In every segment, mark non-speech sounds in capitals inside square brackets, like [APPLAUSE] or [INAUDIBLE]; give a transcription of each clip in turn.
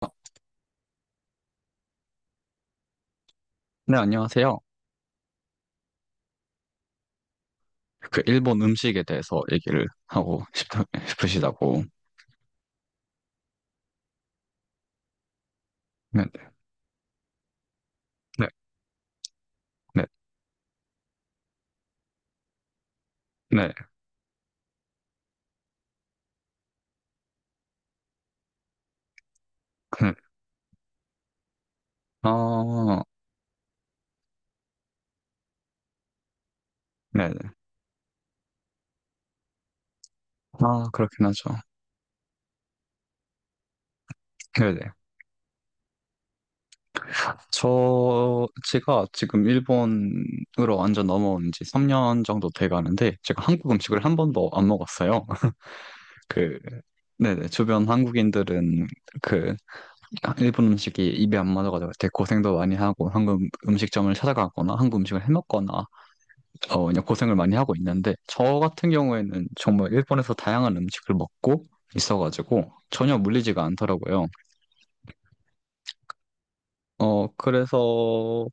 아, 네, 안녕하세요. 그 일본 음식에 대해서 얘기를 하고 싶으시다고. 네, 네, 네, 네, 네. 그, 아, 네, 네. 아, 그렇긴 하죠. 네, 네. 제가 지금 일본으로 완전 넘어온 지 3년 정도 돼 가는데, 제가 한국 음식을 한 번도 안 먹었어요. [LAUGHS] 그, 네, 네. 주변 한국인들은 그, 일본 음식이 입에 안 맞아가지고 되게 고생도 많이 하고, 한국 음식점을 찾아가거나, 한국 음식을 해 먹거나, 그냥 고생을 많이 하고 있는데, 저 같은 경우에는 정말 일본에서 다양한 음식을 먹고 있어가지고, 전혀 물리지가 않더라고요. 그래서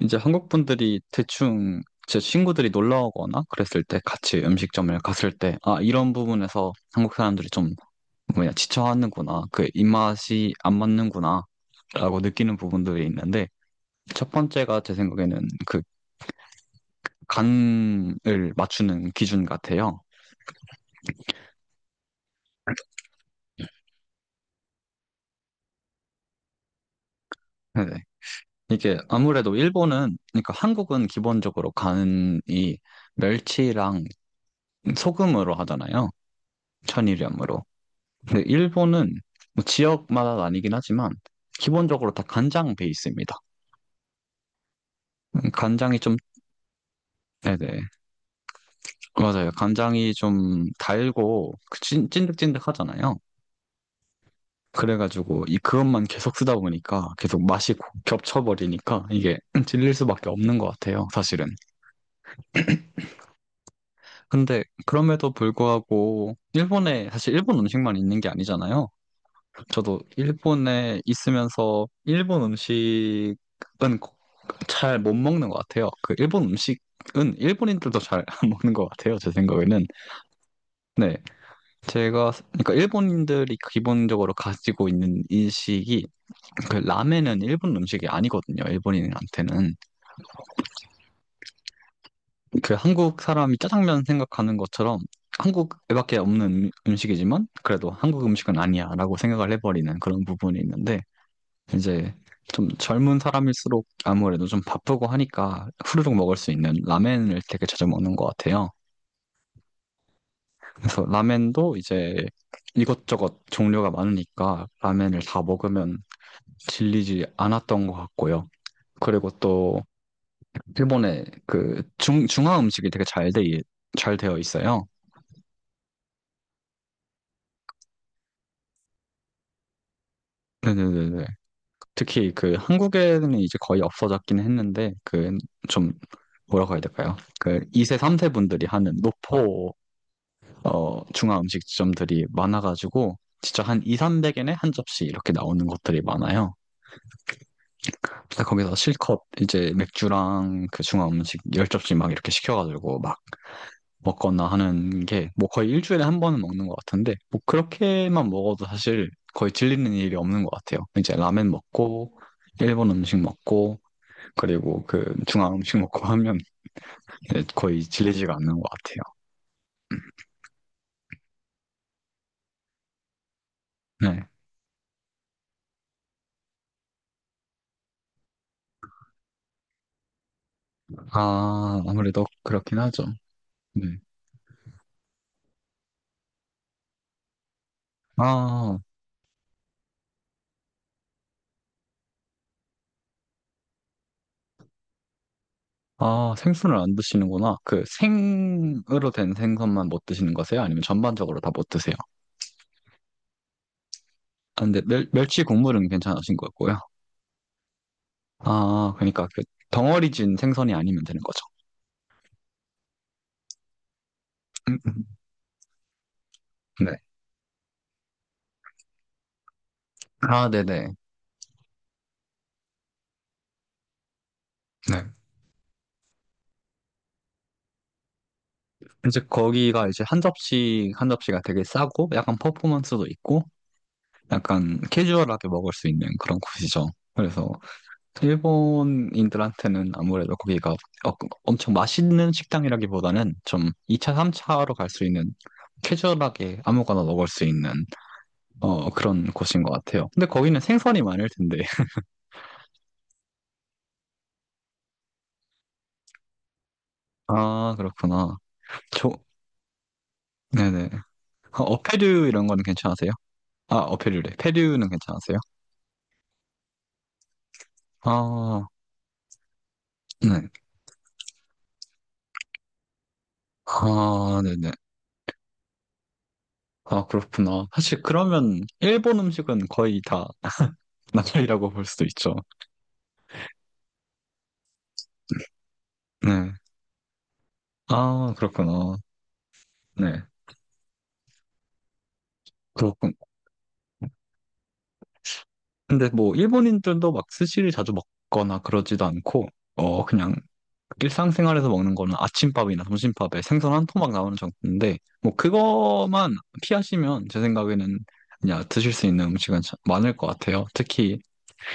이제 한국 분들이 대충 제 친구들이 놀러 오거나 그랬을 때 같이 음식점을 갔을 때, 아, 이런 부분에서 한국 사람들이 좀 뭐냐, 지쳐하는구나. 그 입맛이 안 맞는구나라고 느끼는 부분들이 있는데, 첫 번째가 제 생각에는 그 간을 맞추는 기준 같아요. 네. 이게 아무래도 일본은, 그러니까 한국은 기본적으로 간이 멸치랑 소금으로 하잖아요. 천일염으로. 근데 일본은 뭐 지역마다 나뉘긴 하지만 기본적으로 다 간장 베이스입니다. 간장이 좀, 네네. 맞아요. 간장이 좀 달고 그 득찐득하잖아요. 그래가지고 이 그것만 계속 쓰다 보니까 계속 맛이 겹쳐버리니까 이게 [LAUGHS] [CLEARS THROAT] 질릴 수밖에 없는 것 같아요. 사실은. 근데 그럼에도 불구하고 일본에 사실 일본 음식만 있는 게 아니잖아요. 저도 일본에 있으면서 일본 음식은 잘 못 먹는 것 같아요. 그 일본 음식은 일본인들도 잘 안 [LAUGHS] 먹는 것 같아요. 제 생각에는. 네. 제가 그러니까 일본인들이 기본적으로 가지고 있는 인식이 그 라멘은 일본 음식이 아니거든요. 일본인한테는. 그 한국 사람이 짜장면 생각하는 것처럼 한국에밖에 없는 음식이지만 그래도 한국 음식은 아니야라고 생각을 해버리는 그런 부분이 있는데 이제 좀 젊은 사람일수록 아무래도 좀 바쁘고 하니까 후루룩 먹을 수 있는 라멘을 되게 자주 먹는 것 같아요. 그래서 라멘도 이제 이것저것 종류가 많으니까 라멘을 다 먹으면 질리지 않았던 것 같고요. 그리고 또 일본의 그 중화 음식이 되게 잘 되어 있어요. 네네네. 특히 그 한국에는 이제 거의 없어졌긴 했는데 그 좀 뭐라고 해야 될까요? 그 2세, 3세 분들이 하는 노포 중화 음식점들이 많아가지고 진짜 한 2, 300엔에 한 접시 이렇게 나오는 것들이 많아요. 그래서 거기서 실컷 이제 맥주랑 그 중화 음식 10접시 막 이렇게 시켜가지고 막 먹거나 하는 게 뭐 거의 일주일에 한 번은 먹는 것 같은데 뭐 그렇게만 먹어도 사실 거의 질리는 일이 없는 것 같아요. 이제 라멘 먹고 일본 음식 먹고 그리고 그 중앙 음식 먹고 [LAUGHS] 하면 이제 거의 질리지가 않는 것 같아요. 네. 아, 아무래도 그렇긴 하죠. 네. 아, 아, 생선을 안 드시는구나. 그 생으로 된 생선만 못 드시는 거세요? 아니면 전반적으로 다 못 드세요? 아, 근데 멸치 국물은 괜찮으신 거고요. 아, 그러니까 그 덩어리 진 생선이 아니면 되는 거죠. 음, 음. 네. 아, 네네. 네. 이제 거기가 이제 한 접시, 한 접시가 되게 싸고 약간 퍼포먼스도 있고 약간 캐주얼하게 먹을 수 있는 그런 곳이죠. 그래서 일본인들한테는 아무래도 거기가 어- 엄청 맛있는 식당이라기보다는 좀 2차, 3차로 갈 수 있는 캐주얼하게 아무거나 먹을 수 있는 그런 곳인 것 같아요. 근데 거기는 생선이 많을 텐데. [LAUGHS] 아, 그렇구나. 저, 네네. 어패류 이런 거는 괜찮으세요? 아, 어패류래. 패류는 괜찮으세요? 아, 네. 아, 네네. 아, 그렇구나. 사실 그러면 일본 음식은 거의 다 나날이라고 볼 수도 있죠. 네. 아, 그렇구나. 네. 그렇군. 근데 뭐, 일본인들도 막 스시를 자주 먹거나 그러지도 않고, 그냥 일상생활에서 먹는 거는 아침밥이나 점심밥에 생선 한 토막 나오는 정도인데, 뭐, 그거만 피하시면 제 생각에는 그냥 드실 수 있는 음식은 참 많을 것 같아요. 특히,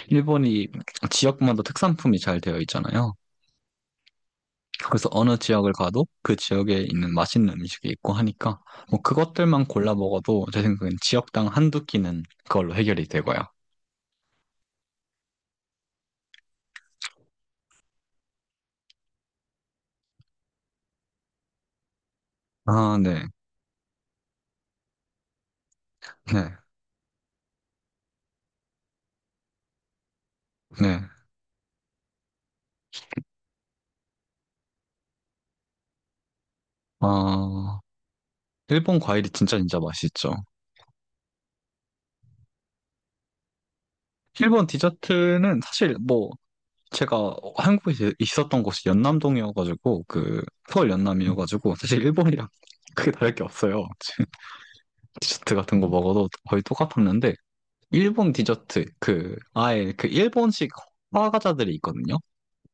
일본이 지역마다 특산품이 잘 되어 있잖아요. 그래서 어느 지역을 가도 그 지역에 있는 맛있는 음식이 있고 하니까 뭐 그것들만 골라 먹어도 제 생각엔 지역당 한두 끼는 그걸로 해결이 되고요. 아, 네. 네. 네. 아, 일본 과일이 진짜 진짜 맛있죠. 일본 디저트는 사실 뭐 제가 한국에 있었던 곳이 연남동이어가지고 그 서울 연남이어가지고 사실 일본이랑 [LAUGHS] 크게 다를 게 없어요. [LAUGHS] 디저트 같은 거 먹어도 거의 똑같았는데 일본 디저트 그 아예 그 일본식 화과자들이 있거든요.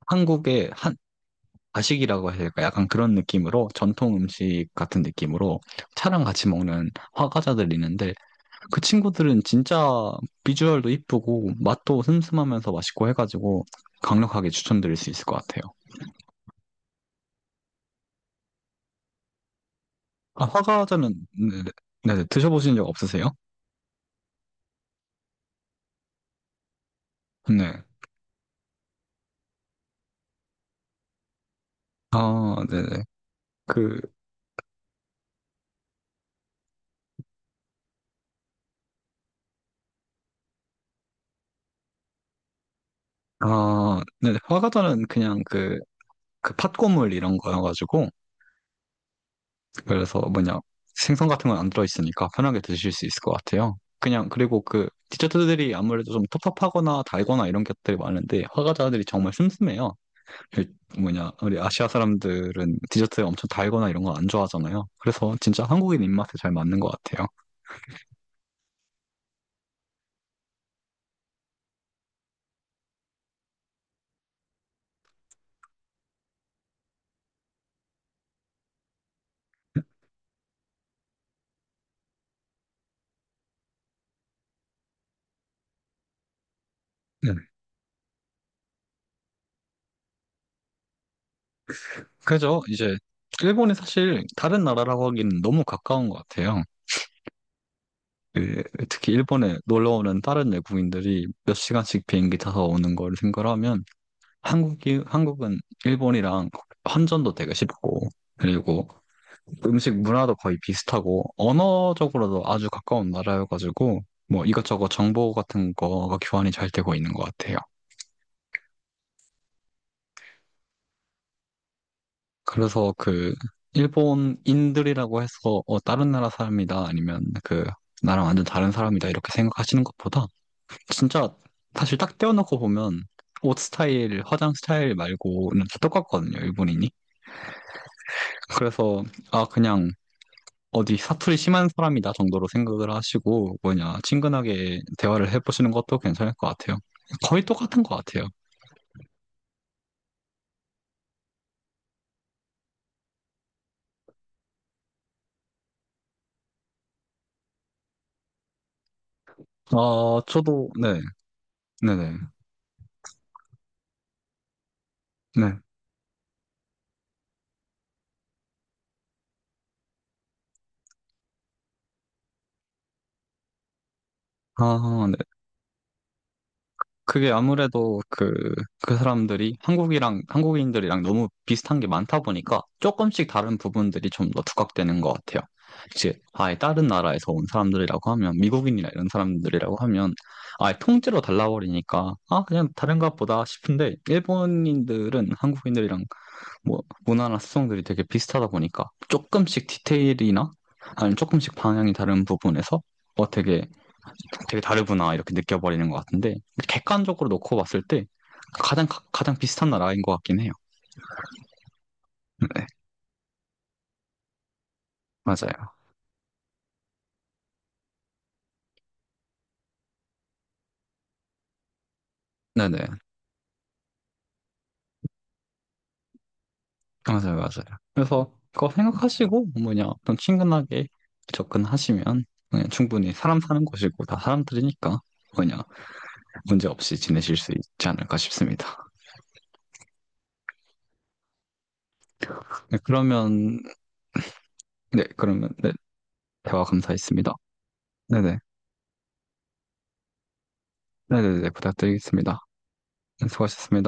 한국의 한 가식이라고 해야 될까? 약간 그런 느낌으로 전통 음식 같은 느낌으로 차랑 같이 먹는 화과자들이 있는데 그 친구들은 진짜 비주얼도 이쁘고 맛도 슴슴하면서 맛있고 해가지고 강력하게 추천드릴 수 있을 것 같아요. 아, 화과자는 네, 네, 네, 네. 드셔보신 적 없으세요? 네. 아, 네네. 그, 아, 네. 화과자는 그냥 그 팥고물 이런 거여가지고, 그래서 뭐냐 생선 같은 건 안 들어있으니까 편하게 드실 수 있을 것 같아요. 그냥. 그리고 그 디저트들이 아무래도 좀 텁텁하거나 달거나 이런 것들이 많은데 화과자들이 정말 슴슴해요. 그 뭐냐 우리 아시아 사람들은 디저트 엄청 달거나 이런 거 안 좋아하잖아요. 그래서 진짜 한국인 입맛에 잘 맞는 것 같아요. 네. 그래 이제 일본이 사실 다른 나라라고 하기는 너무 가까운 것 같아요. 그 특히 일본에 놀러 오는 다른 외국인들이 몇 시간씩 비행기 타서 오는 걸 생각하면 한국은 일본이랑 환전도 되게 쉽고, 그리고 음식 문화도 거의 비슷하고, 언어적으로도 아주 가까운 나라여가지고, 뭐 이것저것 정보 같은 거가 교환이 잘 되고 있는 것 같아요. 그래서 그, 일본인들이라고 해서, 다른 나라 사람이다, 아니면 그, 나랑 완전 다른 사람이다, 이렇게 생각하시는 것보다, 진짜, 사실 딱 떼어놓고 보면, 옷 스타일, 화장 스타일 말고는 다 똑같거든요, 일본인이. 그래서, 아, 그냥, 어디 사투리 심한 사람이다 정도로 생각을 하시고 뭐냐 친근하게 대화를 해보시는 것도 괜찮을 것 같아요. 거의 똑같은 것 같아요. 아 저도 네, 네네, 네. 아, 네. 그게 아무래도 그, 그 사람들이 한국인들이랑 너무 비슷한 게 많다 보니까 조금씩 다른 부분들이 좀 더 두각되는 것 같아요. 이제 아예 다른 나라에서 온 사람들이라고 하면, 미국인이나 이런 사람들이라고 하면 아예 통째로 달라버리니까 아, 그냥 다른 것 보다 싶은데 일본인들은 한국인들이랑 뭐 문화나 습성들이 되게 비슷하다 보니까 조금씩 디테일이나 아니면 조금씩 방향이 다른 부분에서 뭐 되게 되게 다르구나 이렇게 느껴버리는 것 같은데 객관적으로 놓고 봤을 때 가장 가장 비슷한 나라인 것 같긴 해요. 네, 맞아요. 네네, 맞아요, 맞아요. 그래서 그거 생각하시고 뭐냐 좀 친근하게 접근하시면 그냥 충분히 사람 사는 곳이고 다 사람들이니까 뭐냐 문제 없이 지내실 수 있지 않을까 싶습니다. 네, 그러면 네, 그러면 네, 대화 감사했습니다. 네네, 네네네 부탁드리겠습니다. 네, 수고하셨습니다.